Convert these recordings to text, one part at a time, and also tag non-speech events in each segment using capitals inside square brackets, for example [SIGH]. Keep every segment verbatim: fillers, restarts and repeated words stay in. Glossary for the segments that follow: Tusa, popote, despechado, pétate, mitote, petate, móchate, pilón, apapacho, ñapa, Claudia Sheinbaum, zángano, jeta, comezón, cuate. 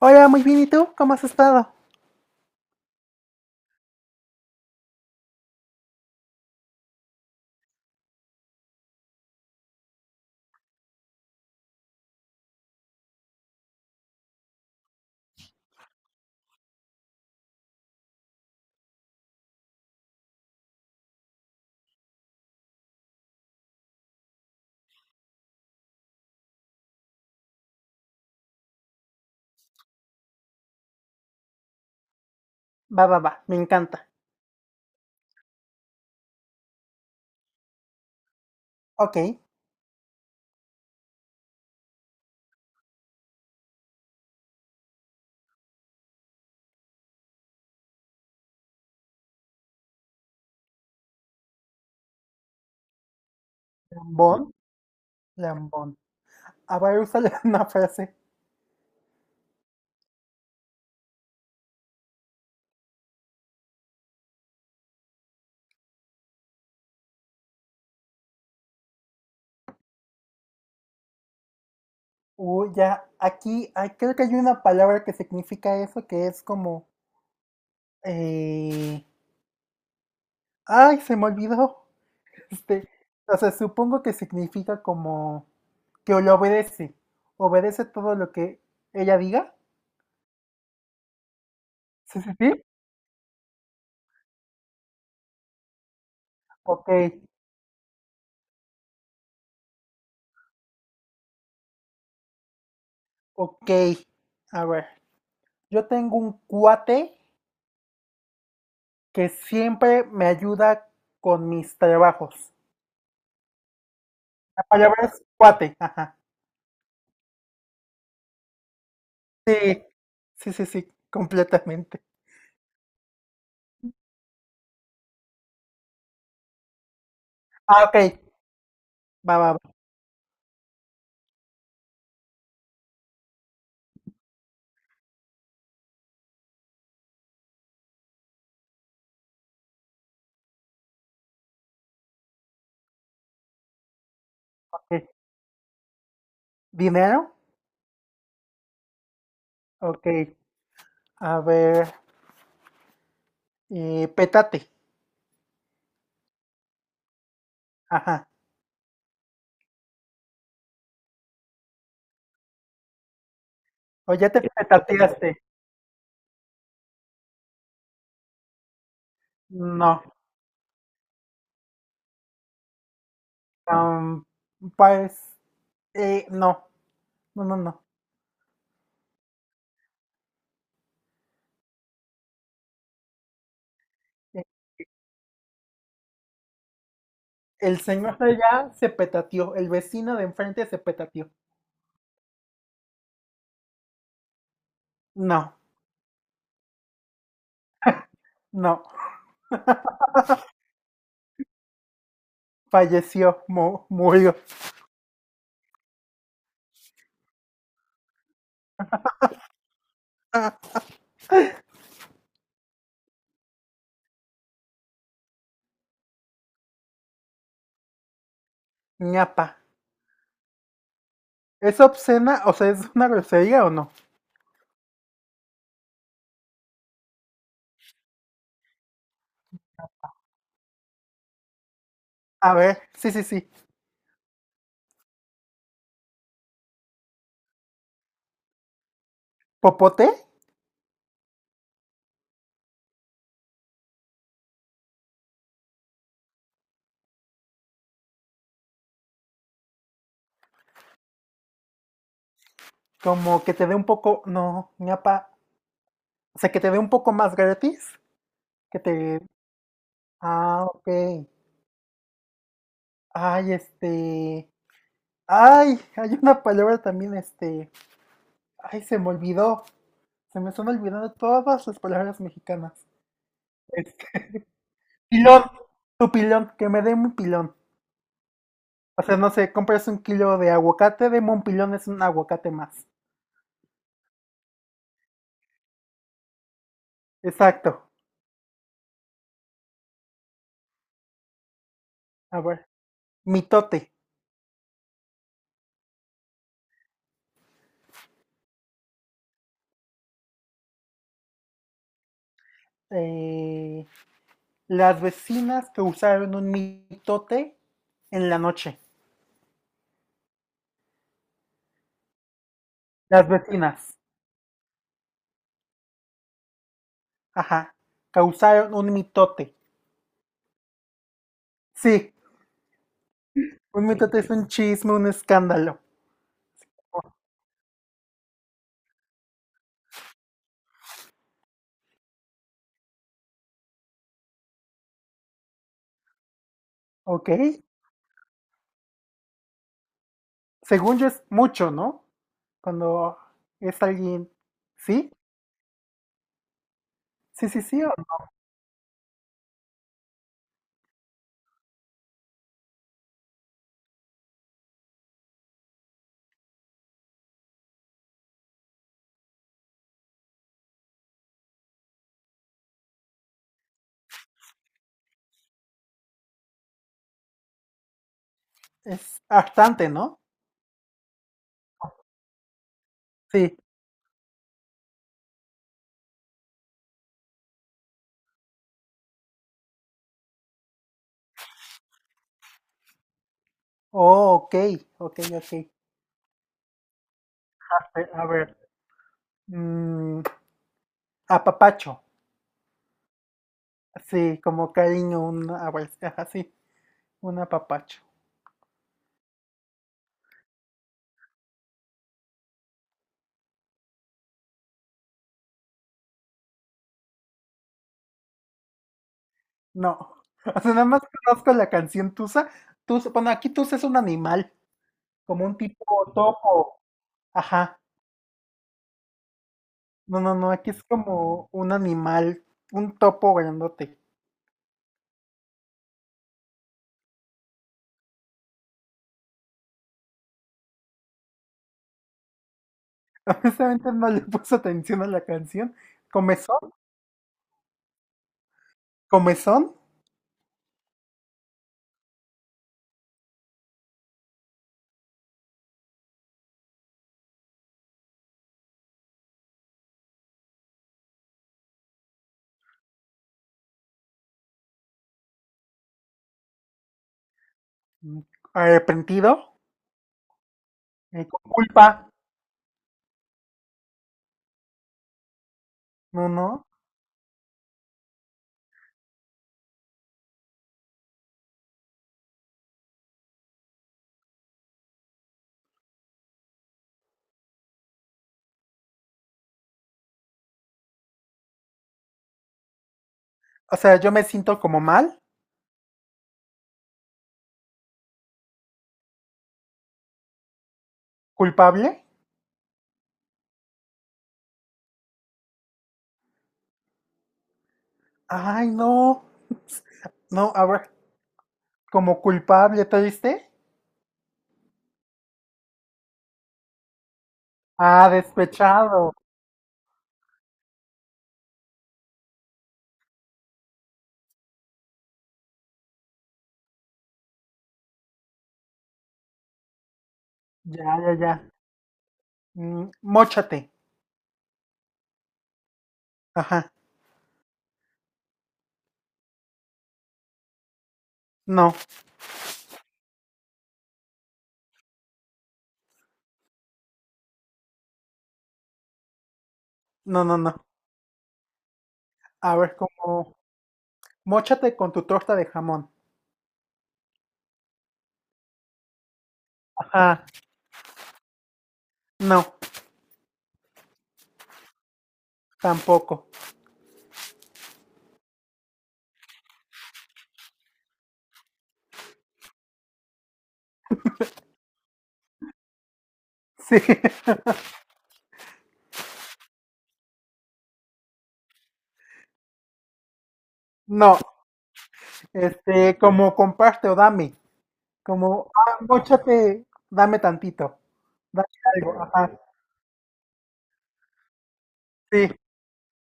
Hola, muy bien, ¿y tú? ¿Cómo has estado? Va, va, va, me encanta. Ok, lambón, lambón. A ver úsale [LAUGHS] una frase. Uh, ya, aquí, ah, creo que hay una palabra que significa eso, que es como... eh, ay, se me olvidó. [LAUGHS] Este, o sea, supongo que significa como que lo obedece. Obedece todo lo que ella diga. Sí, sí, sí. Ok, ok. A ver, yo tengo un cuate que siempre me ayuda con mis trabajos. La palabra es cuate. Ajá. Sí, sí, sí, sí, completamente. Ah, ok, va, va, va. Ok. ¿Dinero? Ok, a ver, eh, pétate. Ajá. ¿O ya te petateaste? No. am, pues, eh, no, no, no, no. Eh, el señor de allá se petateó, el vecino de enfrente se petateó. No, no, falleció, mu- murió. [LAUGHS] Ñapa. ¿Es obscena? O sea, ¿es una grosería o no? A ver, sí, sí, sí. ¿Popote? Como que te dé un poco. No, ñapa. O sea, que te dé un poco más gratis. Que te. Ah, ok. Ay, este. Ay, hay una palabra también, este. Ay, se me olvidó. Se me están olvidando todas las palabras mexicanas. Este, pilón. Tu pilón, que me dé un pilón. O sea, no sé, compras un kilo de aguacate, deme un pilón, es un aguacate más. Exacto. A ver, mitote. eh, las vecinas causaron un mitote en la noche. Las vecinas, ajá, causaron un mitote. Sí, un mitote es un chisme, un escándalo. ¿Ok? Según yo es mucho, ¿no? Cuando es alguien, ¿sí? Sí, sí, sí, o- es bastante, ¿no? Sí. Oh, ok, ok, ok. A ver, a ver, mm, apapacho, sí, como cariño, un abrazo, ajá, sí, un apapacho. No. [LAUGHS] O sea, nada más conozco la canción Tusa. Tusa, bueno, aquí Tusa es un animal, como un tipo topo. Ajá. No, no, no, aquí es como un animal, un topo grandote. [LAUGHS] Honestamente no le puse atención a la canción. Comezón, comezón, mm, arrepentido, eh, con culpa. No, no. O sea, yo me siento como mal, culpable. Ay, no. [LAUGHS] No, ahora, como culpable, ¿te viste? Ah, despechado. Ya, ya, ya. Mm, Móchate. Ajá. No, no, no, no. A ver, como. Móchate con tu torta de jamón. Ajá. No, tampoco. Sí. [LAUGHS] No. Este, como comparte o dame. Como, ah, móchate, dame tantito. Dame algo. Ajá. Sí.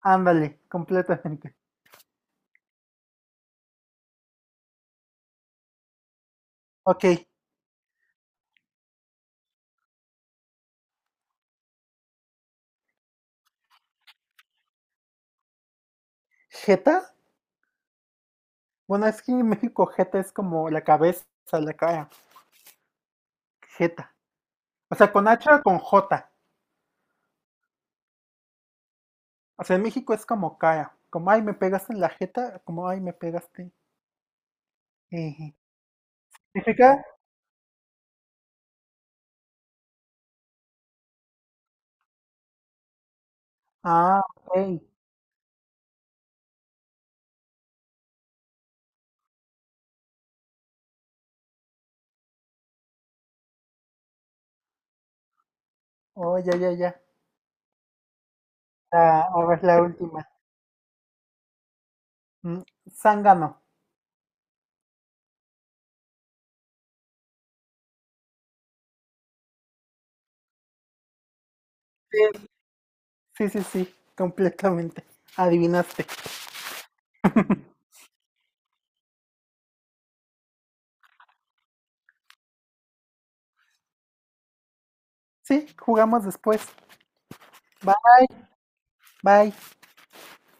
Ándale, completamente. Ok. ¿Jeta? Bueno, es que en México jeta es como la cabeza, la cara. Jeta. O sea, con H o con J. O sea, en México es como cara, como ay, me pegaste en la jeta, como ay, me pegaste. Eje. ¿Significa? Ah, ok. Oh, ya, ya, ya. Ah, ahora es la última. Mm, Zángano. Sí. Sí, sí, sí, completamente. Adivinaste. Sí, jugamos después. Bye. Bye.